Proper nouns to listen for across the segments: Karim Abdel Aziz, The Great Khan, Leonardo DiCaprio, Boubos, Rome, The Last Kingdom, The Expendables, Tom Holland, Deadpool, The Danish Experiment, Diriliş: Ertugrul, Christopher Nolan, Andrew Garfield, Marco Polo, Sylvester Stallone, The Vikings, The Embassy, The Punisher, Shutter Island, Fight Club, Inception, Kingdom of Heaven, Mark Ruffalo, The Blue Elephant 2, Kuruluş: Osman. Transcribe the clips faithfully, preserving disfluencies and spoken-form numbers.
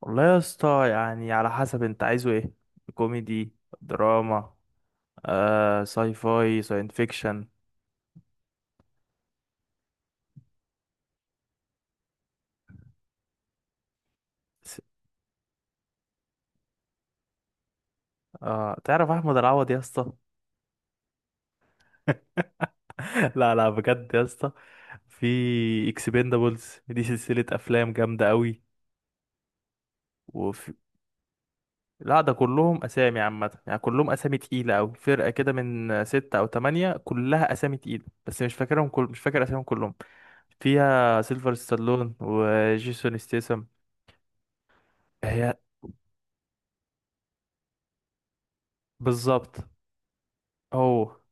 والله يا اسطى يعني على حسب انت عايزه ايه؟ كوميدي، دراما، آه، ساي فاي ساين فيكشن. س- آه، تعرف احمد العوض يا اسطى؟ لا لا، بجد يا اسطى، في اكسبندابلز دي سلسلة افلام جامدة قوي. وفي لا ده كلهم اسامي عامة، يعني كلهم اسامي تقيلة قوي، فرقة كده من ستة او تمانية، كلها اسامي تقيلة، بس مش فاكرهم، كل مش فاكر اساميهم كلهم. فيها سيلفر ستالون وجيسون ستيسم. هي بالظبط. اوه.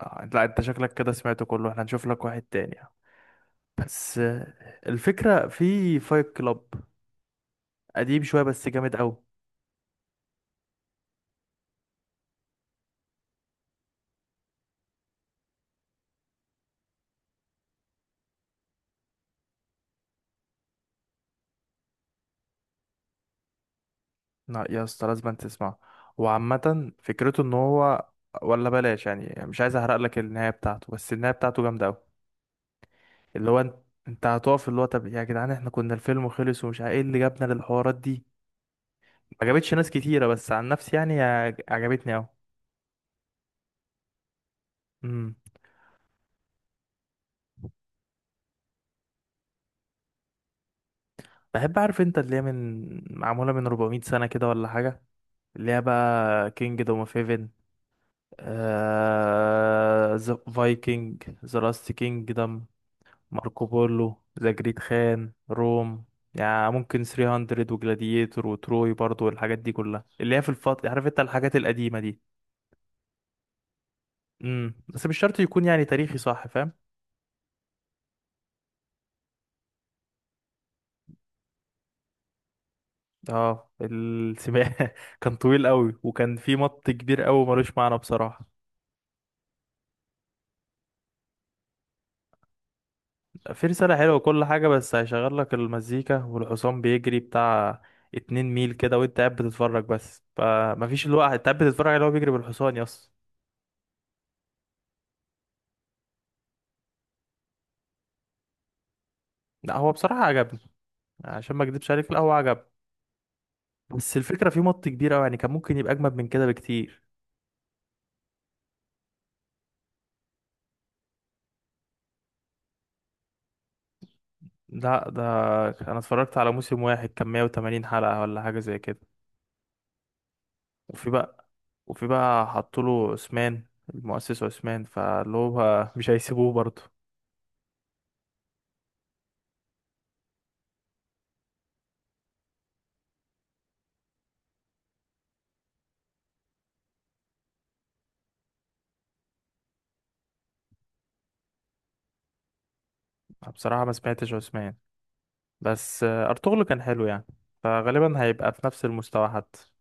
آه، لا انت شكلك كده سمعته كله، احنا هنشوف لك واحد تاني. بس آه، الفكرة في فايت كلاب، قديم شوية بس جامد قوي. لا يا اسطى، لازم تسمعه. وعامة فكرته ان هو، ولا بلاش، يعني مش عايز احرق لك النهاية بتاعته، بس النهاية بتاعته جامدة قوي. اللي هو انت، انت هتقف اللي هو طب يا جدعان احنا كنا الفيلم خلص ومش عارف ايه اللي جابنا للحوارات دي. ما عجبتش ناس كتيرة، بس عن نفسي يعني عج- عجبتني قوي. امم. بحب اعرف انت اللي هي من معمولة من اربعمئة سنة كده ولا حاجة، اللي هي بقى كينجدوم اوف هيفن، ذا فايكنج، ذا لاست كينجدم، ماركو بولو، ذا جريت خان، روم، يعني ممكن ثري هندرد، وجلاديتور، وتروي برضو، والحاجات دي كلها اللي هي في الفترة، عارف انت الحاجات القديمة دي. امم بس مش شرط يكون يعني تاريخي، صح فاهم. اه السباق كان طويل قوي، وكان في مط كبير قوي ملوش معنى بصراحة. في رسالة حلوة وكل حاجة، بس هيشغل لك المزيكا والحصان بيجري بتاع اتنين ميل كده وانت قاعد بتتفرج، بس فمفيش الوقت انت قاعد بتتفرج عليه وهو بيجري بالحصان يس. لا هو بصراحة عجبني، عشان ما اكدبش عليك لا هو عجبني، بس الفكرة فيه مط كبير أوي، يعني كان ممكن يبقى أجمد من كده بكتير. لا ده أنا اتفرجت على موسم واحد كان مية وتمانين حلقة ولا حاجة زي كده. وفي بقى وفي بقى حطوله عثمان، المؤسس عثمان، فاللي هو مش هيسيبوه برضه. بصراحة ما سمعتش عثمان، بس آه، ارطغرل كان حلو يعني، فغالبا هيبقى في نفس المستوى حتى.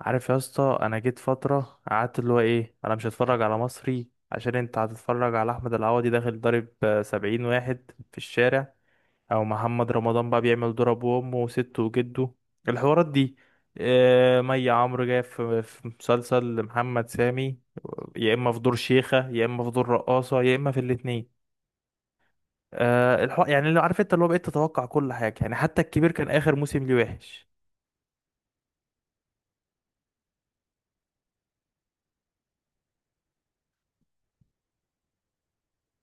عارف يا اسطى، انا جيت فتره قعدت اللي هو ايه، انا مش هتفرج على مصري عشان انت هتتفرج على احمد العوضي داخل ضارب آه، سبعين واحد في الشارع، او محمد رمضان بقى بيعمل ضرب وامه وسته وجده، الحوارات دي. آه، مي عمرو جايه في في مسلسل محمد سامي، يا اما في دور شيخه، يا اما في دور رقاصه، يا اما في الاتنين. آه الح... يعني اللي عارف انت اللي هو، بقيت تتوقع كل حاجه، يعني حتى الكبير كان اخر موسم ليه وحش.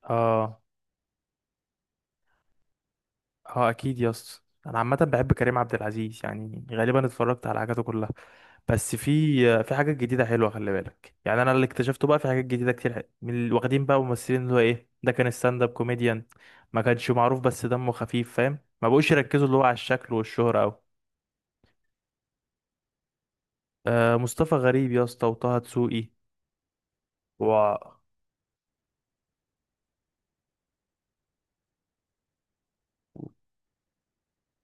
اه، اه اكيد يا اسطى، انا عامه بحب كريم عبد العزيز، يعني غالبا اتفرجت على حاجاته كلها. بس في آه، في حاجات جديده حلوه، خلي بالك يعني، انا اللي اكتشفته بقى في حاجات جديده كتير، ح- من اللي واخدين بقى ممثلين اللي هو ايه، ده كان ستاند اب كوميديان، ما كانش معروف بس دمه خفيف، فاهم، ما بقوش يركزوا اللي هو على الشكل والشهره قوي. آه مصطفى غريب يا اسطى، وطه دسوقي، و...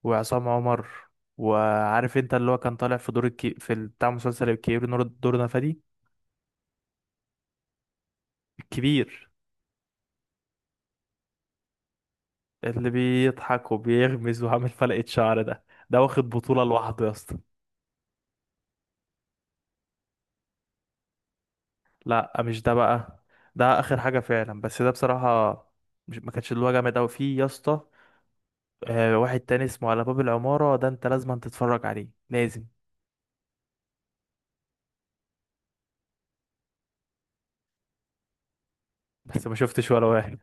وعصام عمر، وعارف انت اللي هو كان طالع في دور الكي... في ال- بتاع مسلسل الكبير، نور، دور نفادي. الكبير، اللي بيضحك وبيغمز وعامل فلقة شعر ده، ده واخد بطولة لوحده يا اسطى. لا مش ده بقى، ده اخر حاجة فعلا، بس ده بصراحة مش... ما كانش اللي هو جامد اوي فيه يا اسطى. آه واحد تاني اسمه على باب العمارة، ده انت لازم تتفرج عليه لازم. بس ما شفتش ولا واحد.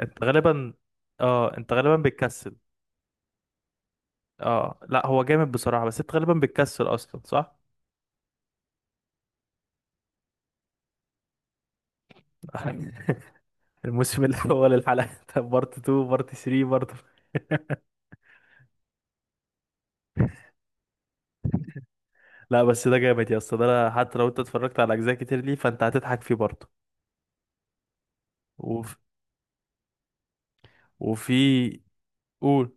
انت غالبا، اه انت غالبا بتكسل. اه لا هو جامد بصراحة، بس انت غالبا بتكسل اصلا صح. الموسم الاول، الحلقه بارت تو، بارت ثري، بارت لا بس ده جامد يا اسطى، ده أنا حتى لو انت اتفرجت على اجزاء كتير ليه فانت هتضحك فيه برضه. وف... وفي قول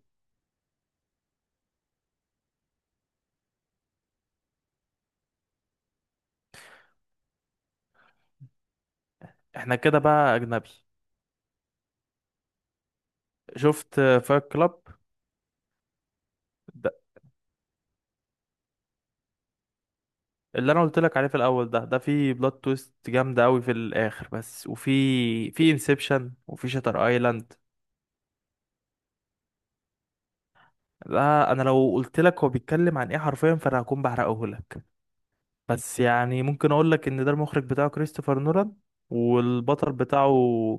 احنا كده بقى اجنبي. شفت فايت كلاب؟ ده اللي انا قلت لك عليه في الاول، ده ده في بلوت تويست جامده قوي في الاخر بس، وفي في انسبشن، وفي شاتر ايلاند. ده انا لو قلت لك هو بيتكلم عن ايه حرفيا فانا هكون بحرقه لك، بس يعني ممكن اقول لك ان ده المخرج بتاعه كريستوفر نولان، والبطل بتاعه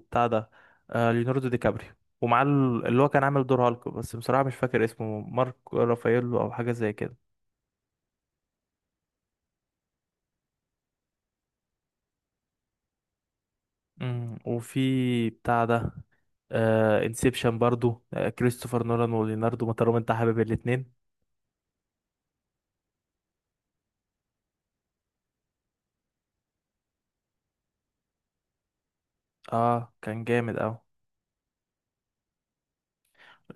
بتاع ده آه، ليوناردو دي كابريو، ومعاه ال- اللي هو كان عامل دور هالك، بس بصراحة مش فاكر اسمه، مارك رافاييلو او حاجة زي كده. مم، وفي بتاع ده انسبشن برضو، آه، كريستوفر نولان وليوناردو، ما طالما انت حابب الاتنين. اه كان جامد اوي،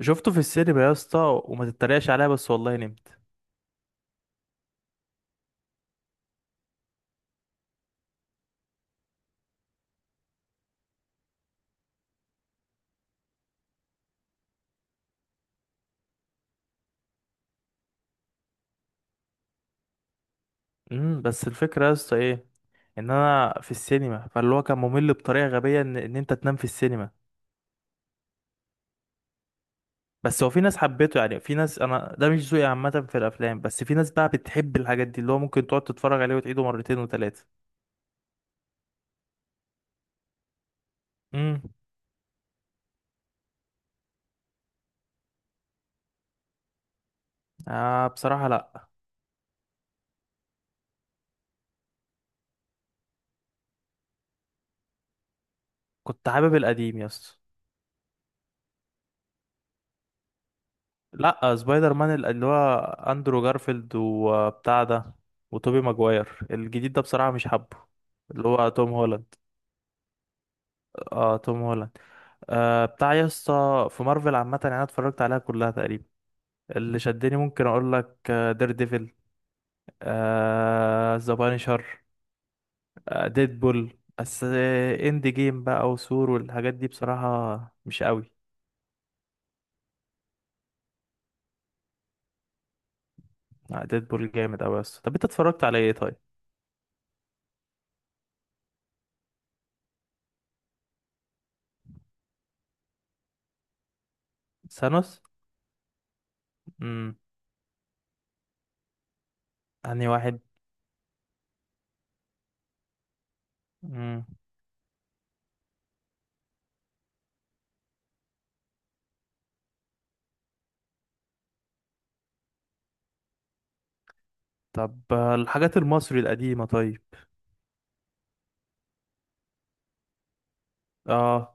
شفته في السينما يا اسطى، وما تتريقش عليا بس والله نمت. امم بس الفكرة يا اسطى ايه، ان انا في السينما، فاللي هو كان ممل بطريقه غبيه ان ان انت تنام في السينما. بس هو في ناس حبته، يعني في ناس، انا ده مش ذوقي عامه في الافلام، بس في ناس بقى بتحب الحاجات دي اللي هو ممكن تقعد تتفرج عليه وتعيده مرتين وثلاثه. امم. آه بصراحه لا. كنت حابب القديم يا اسطى. لا سبايدر مان، ال- اللي هو اندرو جارفيلد، وبتاع ده وتوبي ماجواير. الجديد ده بصراحه مش حابه، اللي هو توم هولاند. اه توم هولاند. آه بتاع يا اسطى في مارفل عامه، يعني انا اتفرجت عليها كلها تقريبا، اللي شدني ممكن اقول لك، دير ديفل، ذا بانشر، ديدبول بس. اند جيم بقى وسور والحاجات دي بصراحة مش قوي. ديدبول جامد قوي، بس طب انت اتفرجت على ايه طيب؟ سانوس. امم. انهي واحد؟ امم. طب آه، الحاجات المصري القديمة طيب. اه.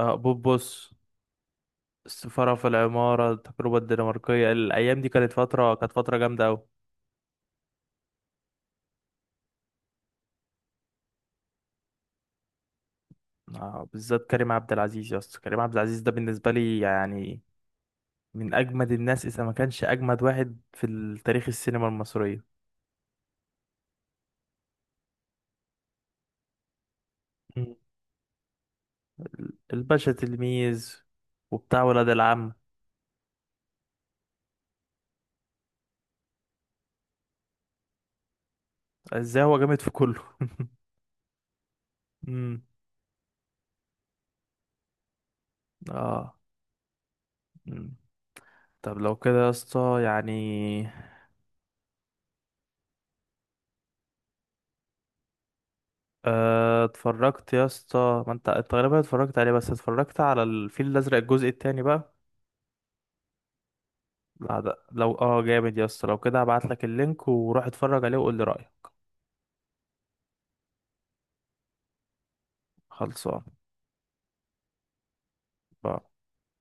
اه بوبوس. السفارة في العمارة، التجربة الدنماركية، الأيام دي كانت فترة، كانت فترة جامدة أوي. آه بالذات كريم عبد العزيز يا اسطى، كريم عبد العزيز ده بالنسبة لي يعني من اجمد الناس، اذا ما كانش اجمد واحد في ال- تاريخ السينما المصرية. مم. الباشا تلميذ، وبتاع ولاد العم. ازاي هو جامد في كله. امم. اه. مم. طب لو كده يا اسطى يعني. آه، اتفرجت يا اسطى، ما انت تقريبا اتفرجت عليه، بس اتفرجت على الفيل الازرق الجزء التاني بقى. لا ده لو اه جامد يا اسطى، لو كده هبعت لك اللينك وروح اتفرج عليه وقول لي رأيك. خلصان.